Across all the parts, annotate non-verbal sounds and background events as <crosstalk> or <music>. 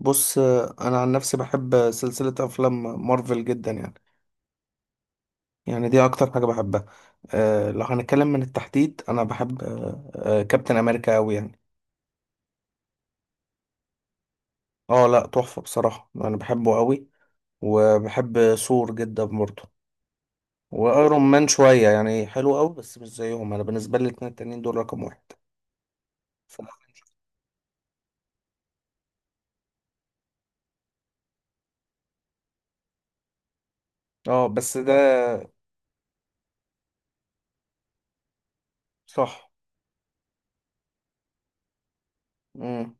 بص. انا عن نفسي بحب سلسله افلام مارفل جدا يعني. دي اكتر حاجه بحبها. لو هنتكلم من التحديد انا بحب أه آه، كابتن امريكا قوي يعني. اه، لا تحفه بصراحه، انا بحبه قوي. وبحب ثور جدا برضه. وايرون مان شويه يعني، حلو قوي بس مش زيهم. انا بالنسبه لي الاتنين التانيين دول رقم واحد. ف- اه بس ده صح. مم.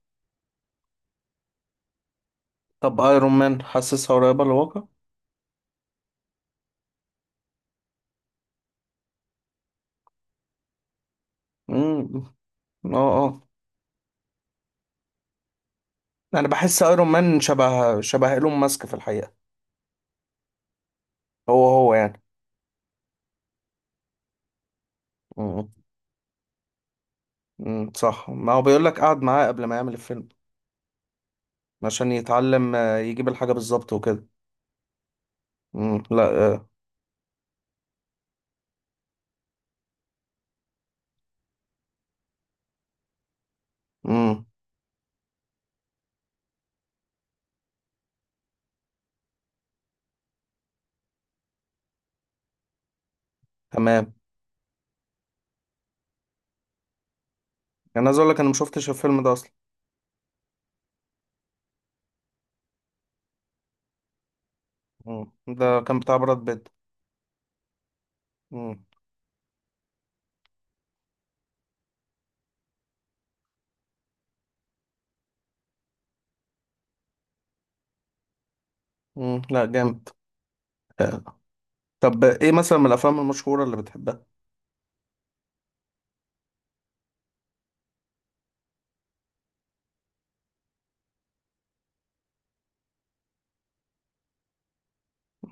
طب ايرون مان حاسسها قريبه للواقع؟ امم اه. آه. انا بحس ايرون مان شبه ايلون ماسك في الحقيقه. هو يعني. مم. صح، ما هو بيقول لك قعد معاه قبل ما يعمل الفيلم عشان يتعلم يجيب الحاجه بالظبط وكده. لا. امم تمام. انا عايز اقول لك انا ما شفتش الفيلم ده اصلا. امم، ده كان بتاع براد بيت. امم. لا، جامد. آه. طب ايه مثلا من الافلام المشهوره اللي بتحبها؟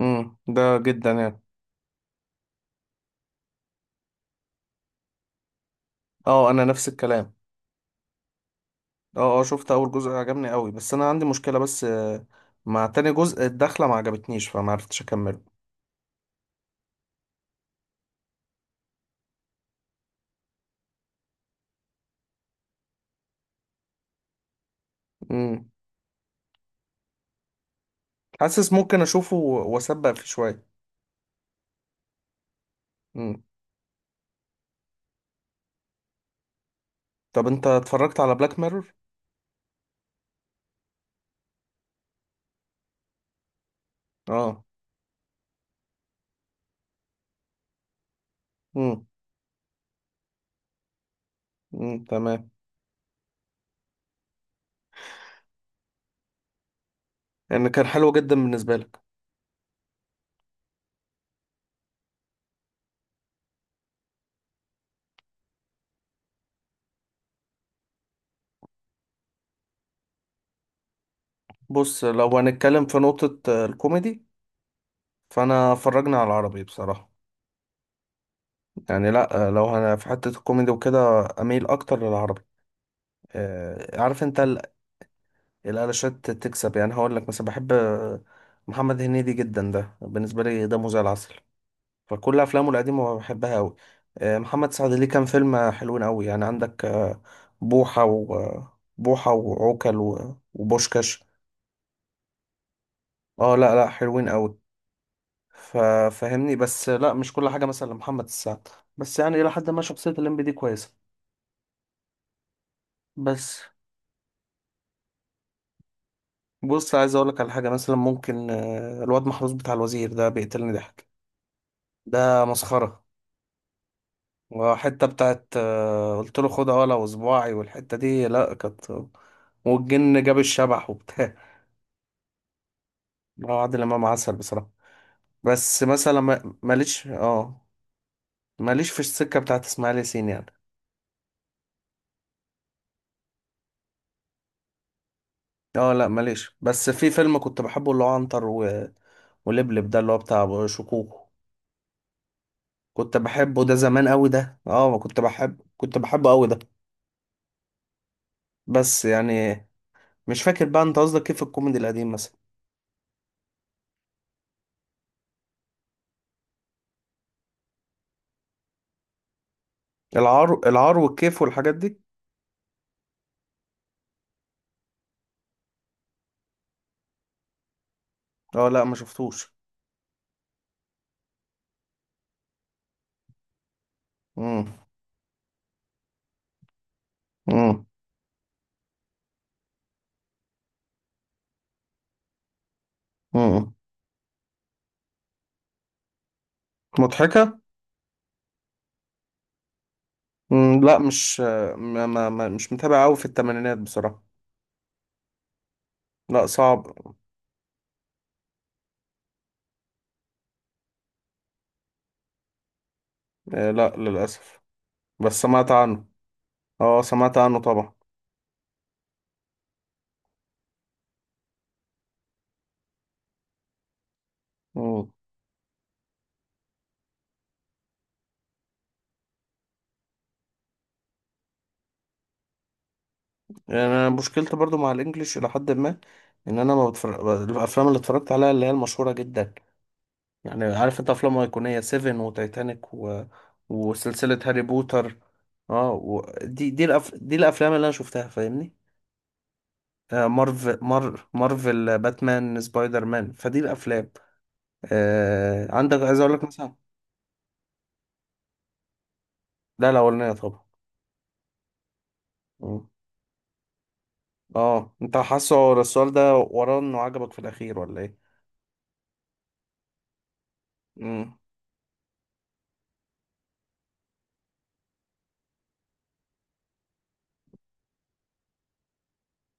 امم، ده جدا يعني. اه انا نفس الكلام. اه اه، شفت اول جزء عجبني قوي، بس انا عندي مشكلة بس آه، مع تاني جزء. الدخلة ما عجبتنيش فما عرفتش اكمله. امم. حاسس ممكن اشوفه واسبق فيه شوية. امم. طب انت اتفرجت على بلاك ميرور؟ اه. امم. تمام. ان كان حلو جدا بالنسبة لك. بص، لو هنتكلم في نقطة الكوميدي، فانا فرجنا على العربي بصراحة. يعني، لا لو انا في حتة الكوميدي وكده اميل اكتر للعربي. عارف انت، الالشات تكسب. يعني هقول لك مثلا بحب محمد هنيدي جدا، ده بالنسبه لي دمه زي العسل. فكل افلامه القديمه بحبها قوي. محمد سعد ليه كام فيلم حلوين قوي. يعني عندك بوحه و بوحه وعوكل وبوشكاش. اه لا لا، حلوين قوي. ففهمني، بس لا مش كل حاجه مثلا لمحمد سعد، بس يعني الى حد ما شخصيه الليمبي دي كويسه. بس. بص عايز اقول لك على حاجه مثلا ممكن الواد محروس بتاع الوزير ده بيقتلني ضحك. ده مسخره. وحتة بتاعت قلت له خدها ولا وصباعي، والحتة دي لا كانت، والجن جاب الشبح وبتاع. <laughs> هو عادل إمام عسل بصراحة. بس مثلا ماليش اه، ماليش في السكة بتاعت إسماعيل ياسين يعني. اه لا ماليش، بس في فيلم كنت بحبه اللي هو عنتر و... ولبلب، ده اللي هو بتاع شكوكو. كنت بحبه ده زمان قوي، ده اه ما كنت بحب، كنت بحبه قوي ده. بس يعني مش فاكر بقى. انت قصدك كيف الكوميدي القديم مثلا؟ العار، العار والكيف والحاجات دي. اه لا ما شفتوش. مم. مم. مم. مضحكة؟ مم. لا، مش مش متابع قوي في الثمانينات بصراحة. لا صعب. آه، لا للأسف، بس سمعت عنه. اه سمعت عنه طبعا. مم. يعني أنا مشكلتي برضو مع الإنجليش إلى حد ما، إن أنا ما بتفرج الأفلام اللي اتفرجت عليها اللي هي المشهورة جدا. يعني عارف أنت، أفلام أيقونية سيفن وتايتانيك و... وسلسلة هاري بوتر. اه و... دي الأفلام اللي أنا شفتها، فاهمني؟ آه، مارفل، مارفل، باتمان، سبايدر مان، فدي الافلام. آه، عندك، عايز اقول لك مثلا. لا الاولانيه طبعا. مم. اه انت حاسه ورا السؤال ده، وراه انه عجبك في الاخير ولا ايه؟ مم.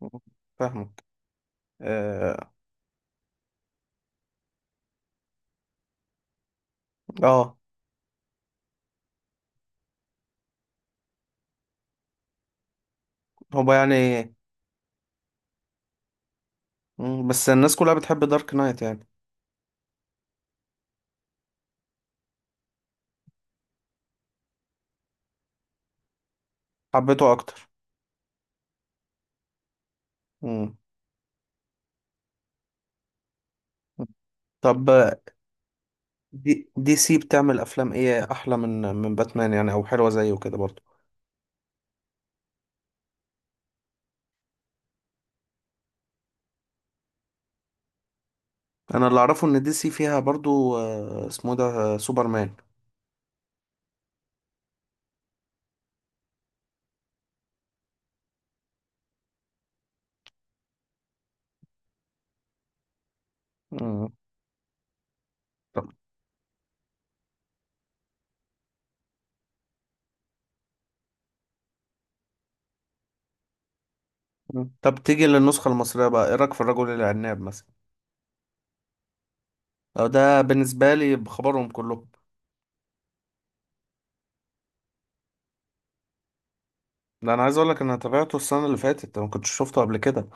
مم. فاهمك. اه. آه، هو يعني. مم. بس الناس كلها بتحب دارك نايت يعني. حبيته اكتر. مم. طب آه، دي سي بتعمل افلام ايه احلى من من باتمان يعني، او حلوه زيه كده برضو؟ انا اللي اعرفه ان دي سي فيها برضو اسمه ده سوبرمان. مم. طب. مم. طب تيجي للنسخة المصرية بقى، ايه رأيك في الرجل العناب مثلا؟ أو ده بالنسبة لي بخبرهم كلهم. ده انا عايز اقول لك إن انا تابعته السنة اللي فاتت، ما كنتش شفته قبل كده.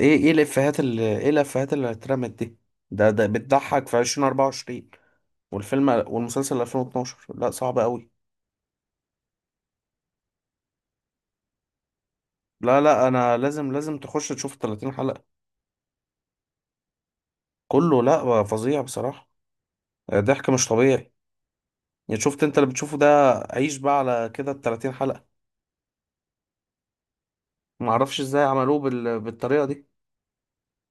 ايه ايه الافيهات اللي، ايه الافيهات اللي اترمت دي. ده ده بتضحك في 2024 والفيلم والمسلسل 2012، لا صعب قوي. لا لا انا لازم، لازم تخش تشوف 30 حلقة. كله، لا فظيع بصراحة. ضحك مش طبيعي. يعني شفت انت اللي بتشوفه ده، عيش بقى على كده ال 30 حلقة. معرفش ازاي عملوه بال... بالطريقة دي.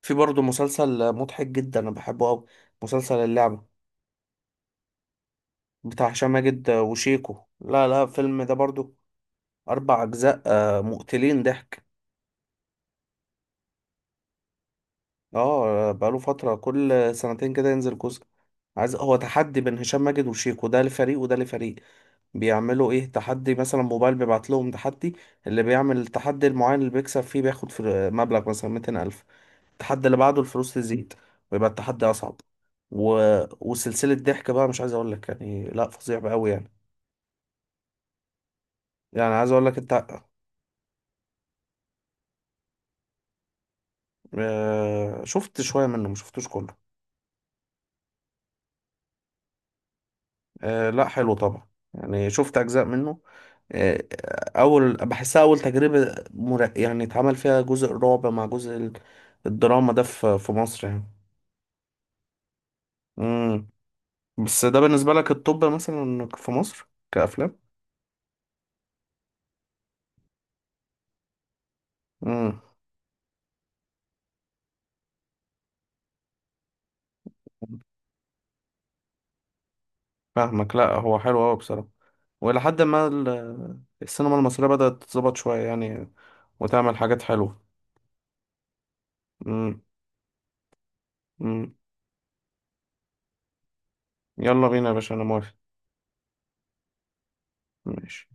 في برضه مسلسل مضحك جدا انا بحبه قوي، مسلسل اللعبة بتاع هشام ماجد وشيكو. لا لا الفيلم ده برضه 4 اجزاء مقتلين ضحك. اه بقاله فترة، كل سنتين كده ينزل جزء. عايز هو تحدي بين هشام ماجد وشيكو، ده لفريق وده لفريق. بيعملوا ايه تحدي مثلا، موبايل بيبعت لهم تحدي. اللي بيعمل التحدي المعين اللي بيكسب فيه بياخد في مبلغ مثلا 200,000. التحدي اللي بعده الفلوس تزيد ويبقى التحدي اصعب و... وسلسلة ضحك بقى، مش عايز اقول لك يعني، لا فظيع بقى قوي يعني. يعني عايز اقول لك انت. آه، شفت شوية منه ما شفتوش كله. آه، لا حلو طبعا. يعني شفت اجزاء منه. آه، اول بحسها اول تجربة يعني اتعمل فيها جزء الرعب مع جزء الدراما ده في مصر يعني. امم. بس ده بالنسبة لك الطب مثلا في مصر كأفلام. امم فاهمك، لا هو حلو أوي بصراحة. وإلى حد ما السينما المصرية بدأت تتظبط شوية يعني، وتعمل حاجات حلوة. مم. مم. يلا بينا يا باشا، أنا موافق. ماشي.